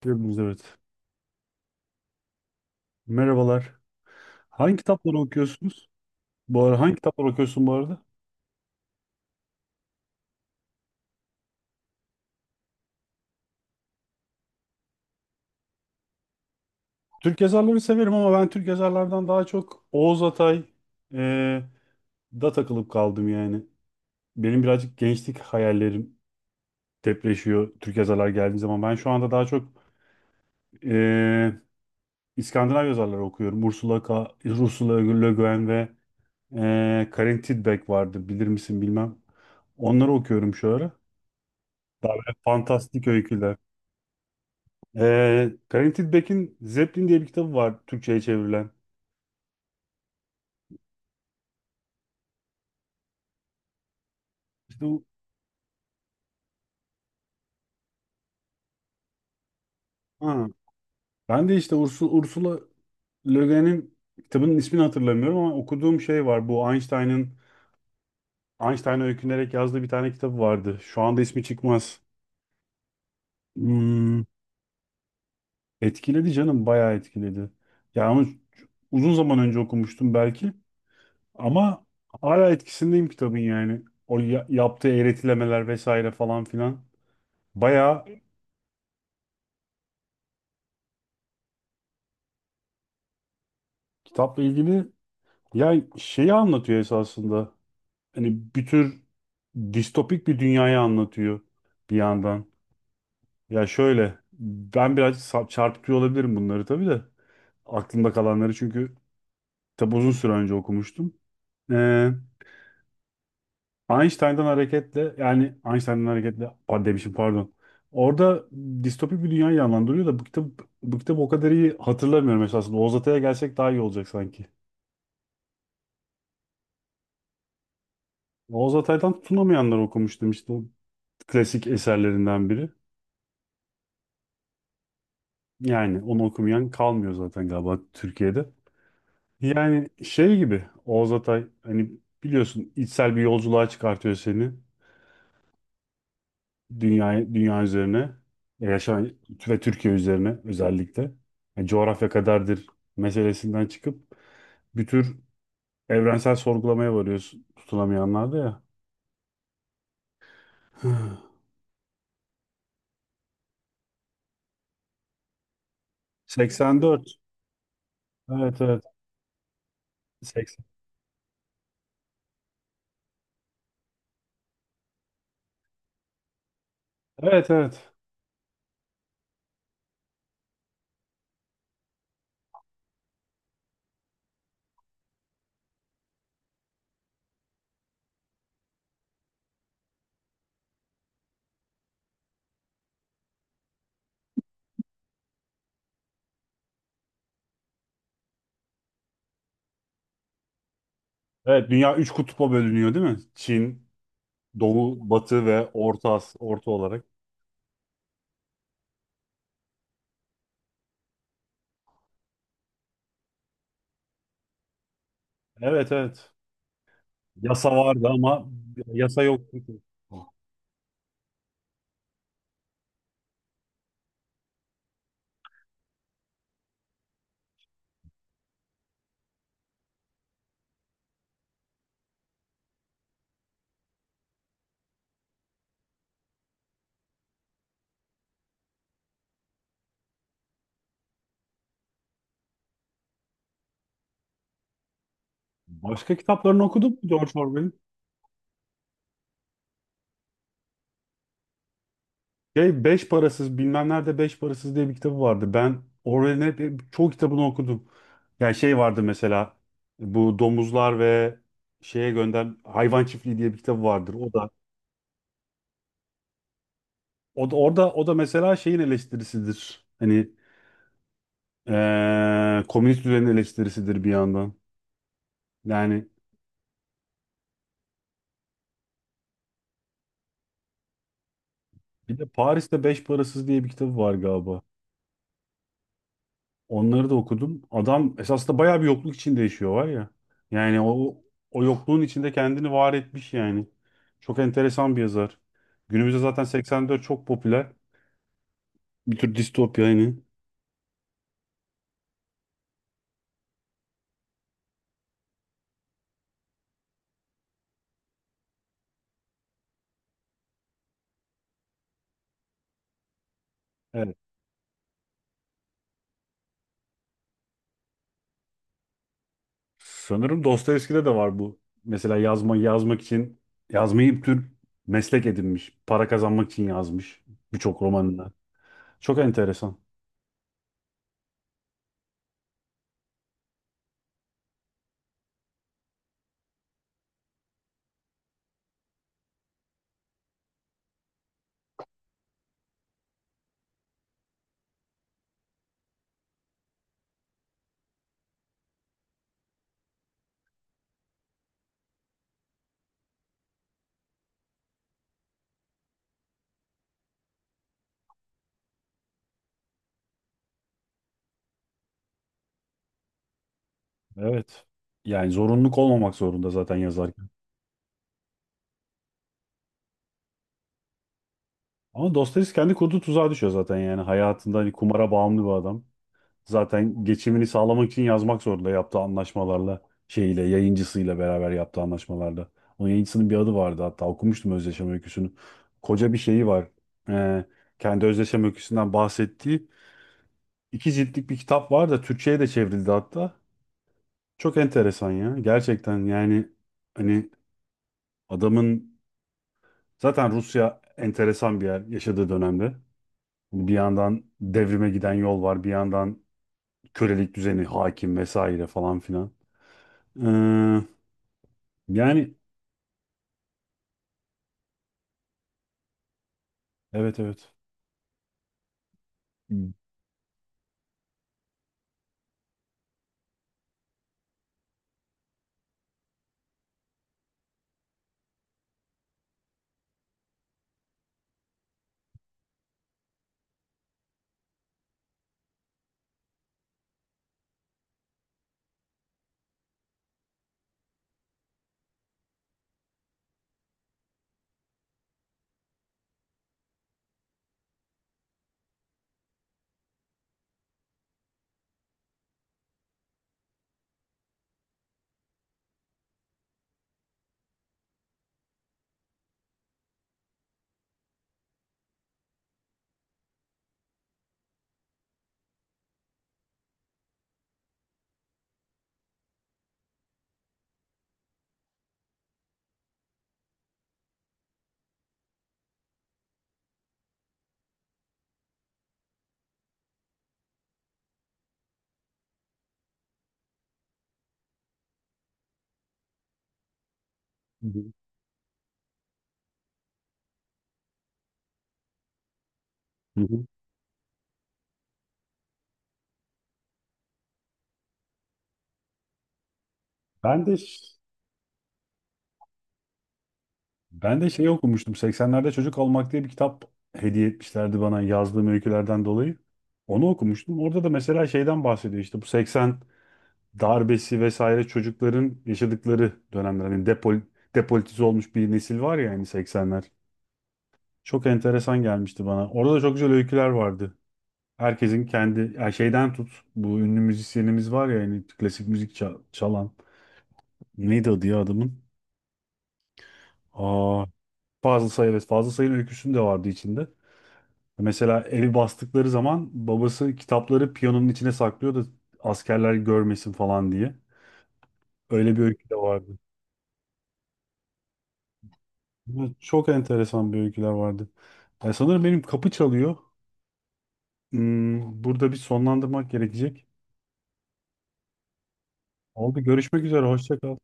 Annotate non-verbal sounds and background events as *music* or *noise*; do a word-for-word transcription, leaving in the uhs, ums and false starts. Gördünüz evet. Merhabalar. Hangi kitapları okuyorsunuz? Bu ara hangi kitapları okuyorsun bu arada? Türk yazarları severim ama ben Türk yazarlardan daha çok Oğuz Atay e, da takılıp kaldım yani. Benim birazcık gençlik hayallerim depreşiyor Türk yazarlar geldiği zaman. Ben şu anda daha çok e, İskandinav yazarları okuyorum. Ursula K. Ursula Le Guin ve e, Karin Tidbeck vardı, bilir misin bilmem. Onları okuyorum şu ara. Fantastik öyküler. Ee, Granted Beck'in Zeppelin diye bir kitabı var Türkçe'ye çevrilen. İşte bu- ha, Ben de işte Ursu- Ursula Le Guin'in kitabının ismini hatırlamıyorum ama okuduğum şey var. Bu Einstein'ın Einstein'a öykünerek yazdığı bir tane kitabı vardı. Şu anda ismi çıkmaz. Hmm, etkiledi canım, bayağı etkiledi. Yani onu uzun zaman önce okumuştum belki ama hala etkisindeyim kitabın yani. O ya- yaptığı eğretilemeler vesaire falan filan. Bayağı kitapla ilgili. Ya şeyi anlatıyor esasında. Hani bir tür distopik bir dünyayı anlatıyor bir yandan. Ya şöyle, ben biraz sa- çarpıtıyor olabilirim bunları tabii de. Aklımda kalanları, çünkü tabi uzun süre önce okumuştum. Ee, Einstein'dan hareketle, yani Einstein'dan hareketle, pardon demişim, pardon. Orada distopik bir dünyayı canlandırıyor da bu kitap bu kitabı o kadar iyi hatırlamıyorum esasında. Oğuz Atay'a gelsek daha iyi olacak sanki. Oğuz Atay'dan tutunamayanlar okumuştum, işte o klasik eserlerinden biri. Yani onu okumayan kalmıyor zaten galiba Türkiye'de. Yani şey gibi, Oğuz Atay hani biliyorsun içsel bir yolculuğa çıkartıyor seni dünyaya, dünya üzerine e, yaşayan ve Türkiye üzerine özellikle. Yani coğrafya kaderdir meselesinden çıkıp bir tür evrensel sorgulamaya varıyorsun tutulamayanlarda ya. *sighs* seksen dört. Evet, evet. seksen. Evet, evet. Evet, dünya üç kutba bölünüyor değil mi? Çin, Doğu, Batı ve Orta, As- Orta olarak. Evet, evet. Yasa vardı ama yasa yoktu. Başka kitaplarını okudun mu George Orwell'in? Şey, Beş Parasız, bilmem nerede Beş Parasız diye bir kitabı vardı. Ben Orwell'in hep çoğu kitabını okudum. Yani şey vardı mesela, bu domuzlar ve şeye gönder, hayvan çiftliği diye bir kitabı vardır. O da o da orada, o da mesela şeyin eleştirisidir. Hani eee, komünist düzenin eleştirisidir bir yandan. Yani bir de Paris'te Beş Parasız diye bir kitabı var galiba. Onları da okudum. Adam esasında bayağı bir yokluk içinde yaşıyor var ya. Yani o o yokluğun içinde kendini var etmiş yani. Çok enteresan bir yazar. Günümüzde zaten seksen dört çok popüler. Bir tür distopya yani. Evet. Sanırım Dostoyevski'de de var bu. Mesela yazma yazmak için yazmayı bir tür meslek edinmiş. Para kazanmak için yazmış birçok romanını. Çok enteresan. Evet. Yani zorunluluk olmamak zorunda zaten yazarken. Ama Dostoyevski kendi kurduğu tuzağa düşüyor zaten yani. Hayatında hani kumara bağımlı bir adam. Zaten geçimini sağlamak için yazmak zorunda, yaptığı anlaşmalarla, şeyle, yayıncısıyla beraber yaptığı anlaşmalarda. Onun yayıncısının bir adı vardı hatta, okumuştum özdeşem öyküsünü. Koca bir şeyi var. Ee, kendi özdeşem öyküsünden bahsettiği iki ciltlik bir kitap var da Türkçe'ye de çevrildi hatta. Çok enteresan ya. Gerçekten yani, hani adamın, zaten Rusya enteresan bir yer yaşadığı dönemde. Hani bir yandan devrime giden yol var, bir yandan kölelik düzeni hakim, vesaire falan filan. Ee, yani evet, evet. Hmm. Hı hı. Ben de ben de şey okumuştum. seksenlerde Çocuk Olmak diye bir kitap hediye etmişlerdi bana, yazdığım öykülerden dolayı. Onu okumuştum. Orada da mesela şeyden bahsediyor, işte bu seksen darbesi vesaire, çocukların yaşadıkları dönemler. Hani depol, depolitize olmuş bir nesil var ya, yani seksenler. Çok enteresan gelmişti bana. Orada da çok güzel öyküler vardı. Herkesin kendi, yani şeyden tut, bu ünlü müzisyenimiz var ya, yani klasik müzik ça- çalan. Neydi adı ya adamın? Aa, Fazıl Say, evet, Fazıl Say'ın öyküsünün de vardı içinde. Mesela evi bastıkları zaman babası kitapları piyanonun içine saklıyor da askerler görmesin falan diye. Öyle bir öykü de vardı. Evet, çok enteresan bir öyküler vardı. Ya sanırım benim kapı çalıyor. Hmm, burada bir sonlandırmak gerekecek. Oldu, görüşmek üzere, hoşça kal.